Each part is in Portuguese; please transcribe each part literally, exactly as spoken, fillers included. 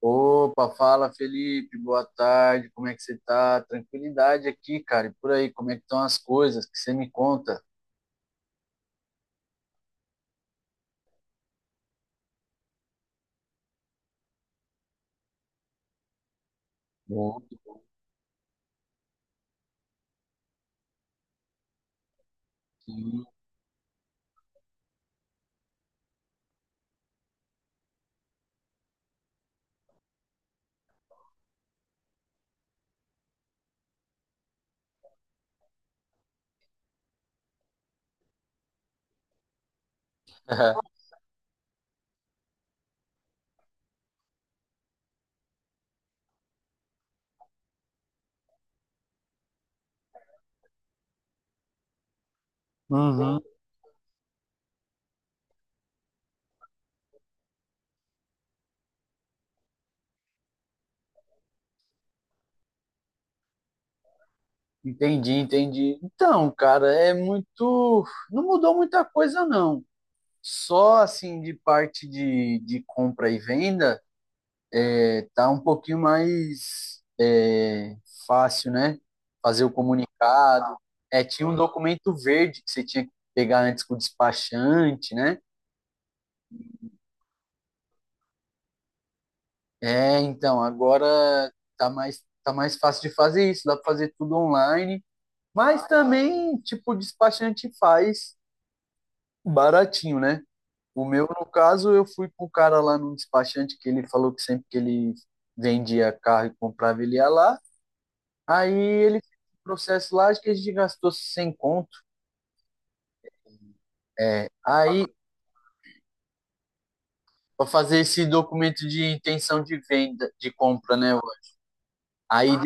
Opa, fala Felipe, boa tarde, como é que você tá? Tranquilidade aqui, cara, e por aí, como é que estão as coisas que você me conta? Bom, sim. Uhum. Entendi, entendi. Então, cara, é muito. Não mudou muita coisa, não. Só assim de parte de, de compra e venda, é, tá um pouquinho mais é, fácil, né? Fazer o comunicado. É, tinha um documento verde que você tinha que pegar antes com o despachante, né? É, então, agora tá mais, tá mais fácil de fazer isso, dá pra fazer tudo online, mas também, tipo, o despachante faz baratinho, né? O meu, no caso, eu fui com o cara lá no despachante que ele falou que sempre que ele vendia carro e comprava, ele ia lá. Aí ele fez um processo lá, acho que a gente gastou cem conto. É, aí, pra fazer esse documento de intenção de venda, de compra, né? Aí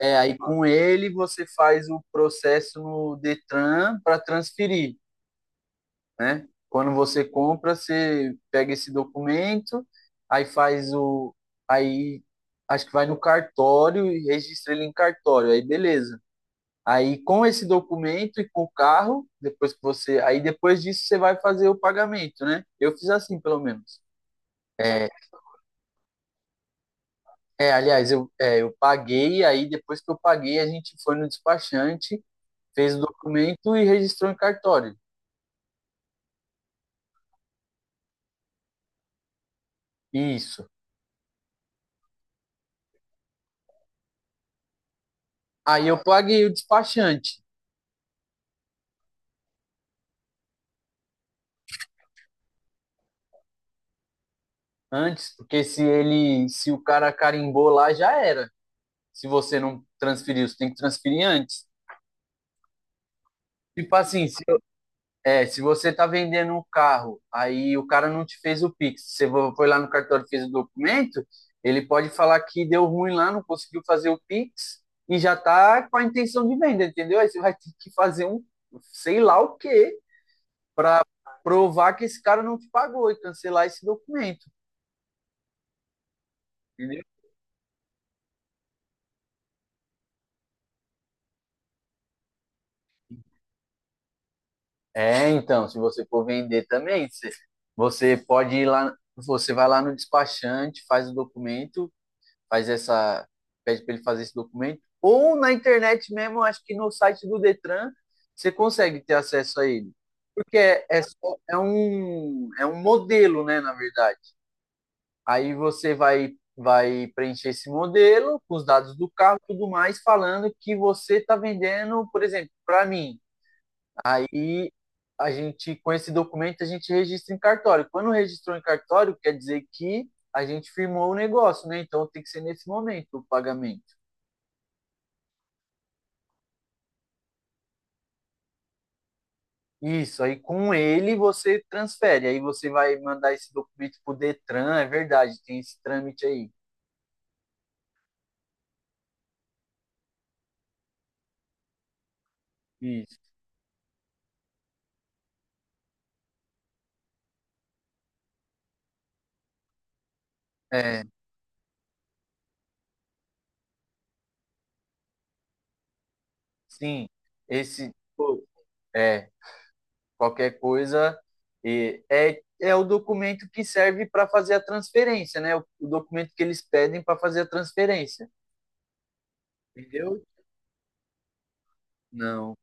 é, aí com ele você faz o processo no Detran para transferir, né? Quando você compra, você pega esse documento, aí faz o, aí acho que vai no cartório e registra ele em cartório, aí beleza. Aí com esse documento e com o carro, depois que você, aí depois disso você vai fazer o pagamento, né? Eu fiz assim, pelo menos. É, é, aliás, eu, é, eu paguei, aí depois que eu paguei, a gente foi no despachante, fez o documento e registrou em cartório. Isso. Aí eu paguei o despachante antes, porque se ele, se o cara carimbou lá, já era. Se você não transferiu, você tem que transferir antes. Tipo assim, se, é, se você tá vendendo um carro, aí o cara não te fez o Pix, você vo- foi lá no cartório e fez o documento, ele pode falar que deu ruim lá, não conseguiu fazer o Pix e já tá com a intenção de venda, entendeu? Aí você vai ter que fazer um, sei lá o quê, provar que esse cara não te pagou e cancelar esse documento, entendeu? É, então, se você for vender também, você, você pode ir lá, você vai lá no despachante, faz o documento, faz essa, pede para ele fazer esse documento, ou na internet mesmo, acho que no site do Detran, você consegue ter acesso a ele. Porque é, é, só- é um, é um modelo, né, na verdade. Aí você vai, vai preencher esse modelo com os dados do carro e tudo mais, falando que você está vendendo, por exemplo, para mim. Aí a gente, com esse documento, a gente registra em cartório. Quando registrou em cartório, quer dizer que a gente firmou o negócio, né? Então tem que ser nesse momento o pagamento. Isso, aí com ele você transfere, aí você vai mandar esse documento pro Detran, é verdade, tem esse trâmite aí. Isso. É, sim, esse, pô, é, qualquer coisa. E é, é o documento que serve para fazer a transferência, né? O, o documento que eles pedem para fazer a transferência. Entendeu? Não,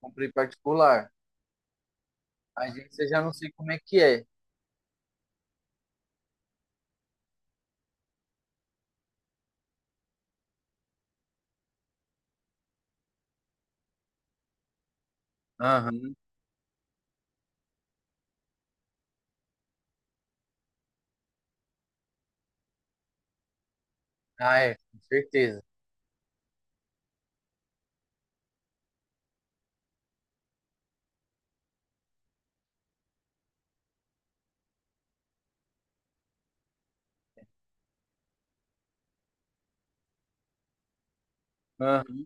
comprei particular. A agência já não sei como é que é. Aham. Ah, é, com certeza. Aham.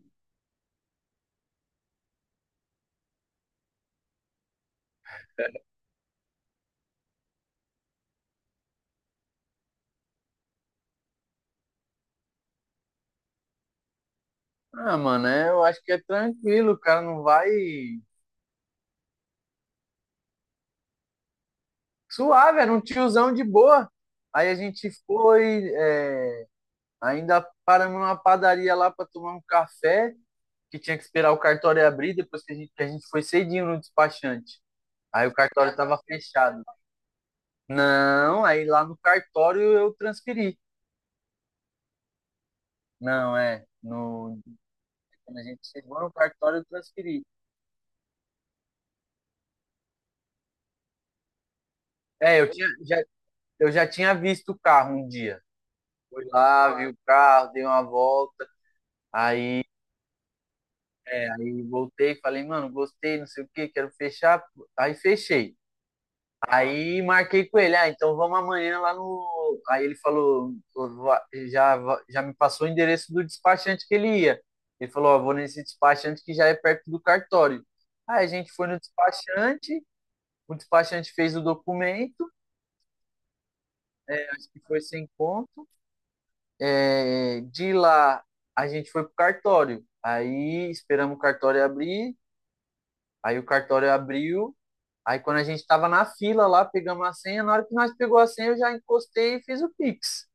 Ah, mano, é, eu acho que é tranquilo, o cara não vai. Suave, era um tiozão de boa. Aí a gente foi, é, ainda paramos numa padaria lá para tomar um café, que tinha que esperar o cartório abrir depois que a gente, que a gente foi cedinho no despachante. Aí o cartório estava fechado. Não, aí lá no cartório eu transferi. Não, é. No, quando a gente chegou no cartório, eu transferi. É, eu tinha, já, eu já tinha visto o carro um dia. Fui lá, vi o carro, dei uma volta. Aí, é, aí voltei, falei, mano, gostei, não sei o que, quero fechar. Aí fechei. Aí marquei com ele, ah, então vamos amanhã lá no. Aí ele falou, já, já me passou o endereço do despachante que ele ia. Ele falou, ó, vou nesse despachante que já é perto do cartório. Aí a gente foi no despachante, o despachante fez o documento, acho que foi sem conto. É, de lá a gente foi pro cartório. Aí esperamos o cartório abrir, aí o cartório abriu. Aí quando a gente tava na fila lá, pegamos a senha, na hora que nós pegou a senha, eu já encostei e fiz o Pix.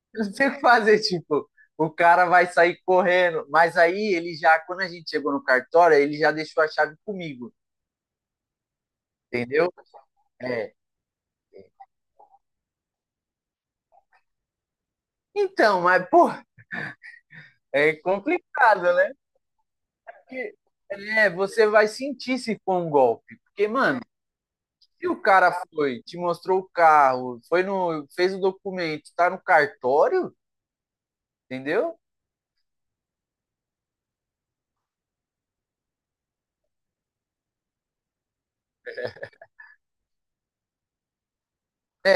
Eu não sei o que fazer, tipo, o cara vai sair correndo. Mas aí ele já, quando a gente chegou no cartório, ele já deixou a chave comigo, entendeu? É. Então, mas, pô, é complicado, né? Porque, é, você vai sentir se for um golpe. Porque, mano, se o cara foi, te mostrou o carro, foi no, fez o documento, tá no cartório, entendeu?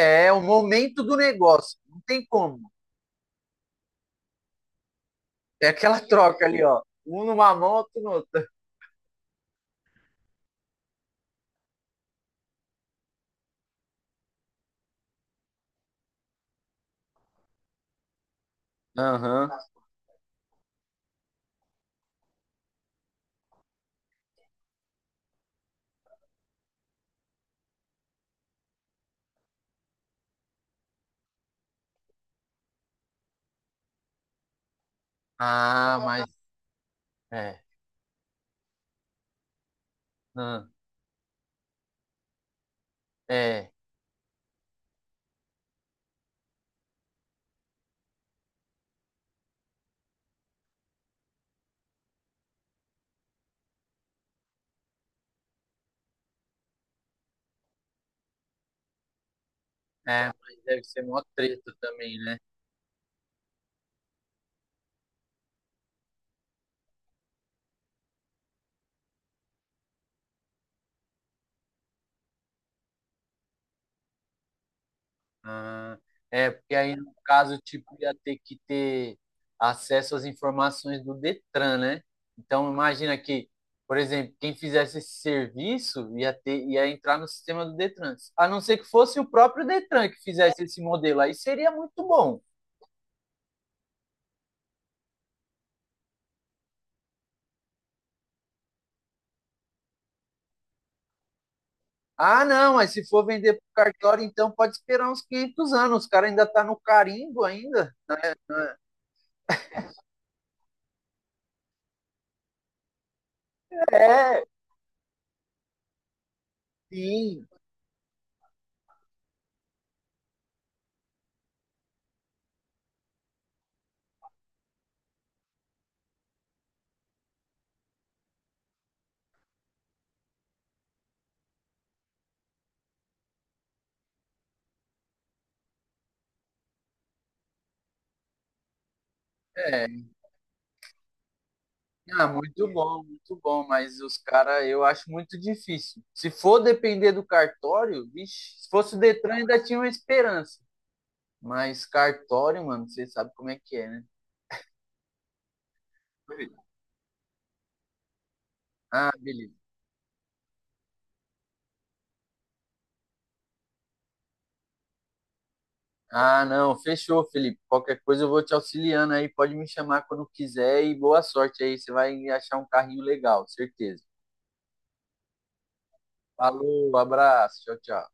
É, é o momento do negócio. Não tem como. É aquela troca ali, ó. Um numa mão, outro no outra. Aham. Ah, mas. É. Ah, é, é, mas deve ser mó treta também, né? Ah, é, porque aí no caso, tipo, ia ter que ter acesso às informações do Detran, né? Então imagina que, por exemplo, quem fizesse esse serviço ia ter, ia entrar no sistema do Detran. A não ser que fosse o próprio Detran que fizesse esse modelo, aí seria muito bom. Ah, não, mas se for vender pro cartório, então pode esperar uns quinhentos anos. Os caras ainda tá no carimbo ainda. É, sim. É, Ah, muito bom, muito bom, mas os caras eu acho muito difícil. Se for depender do cartório, vixe, se fosse o Detran ainda tinha uma esperança. Mas cartório, mano, você sabe como é que é, né? Ah, beleza. Ah, não, fechou, Felipe. Qualquer coisa eu vou te auxiliando aí, pode me chamar quando quiser e boa sorte aí, você vai achar um carrinho legal, certeza. Falou, abraço, tchau, tchau.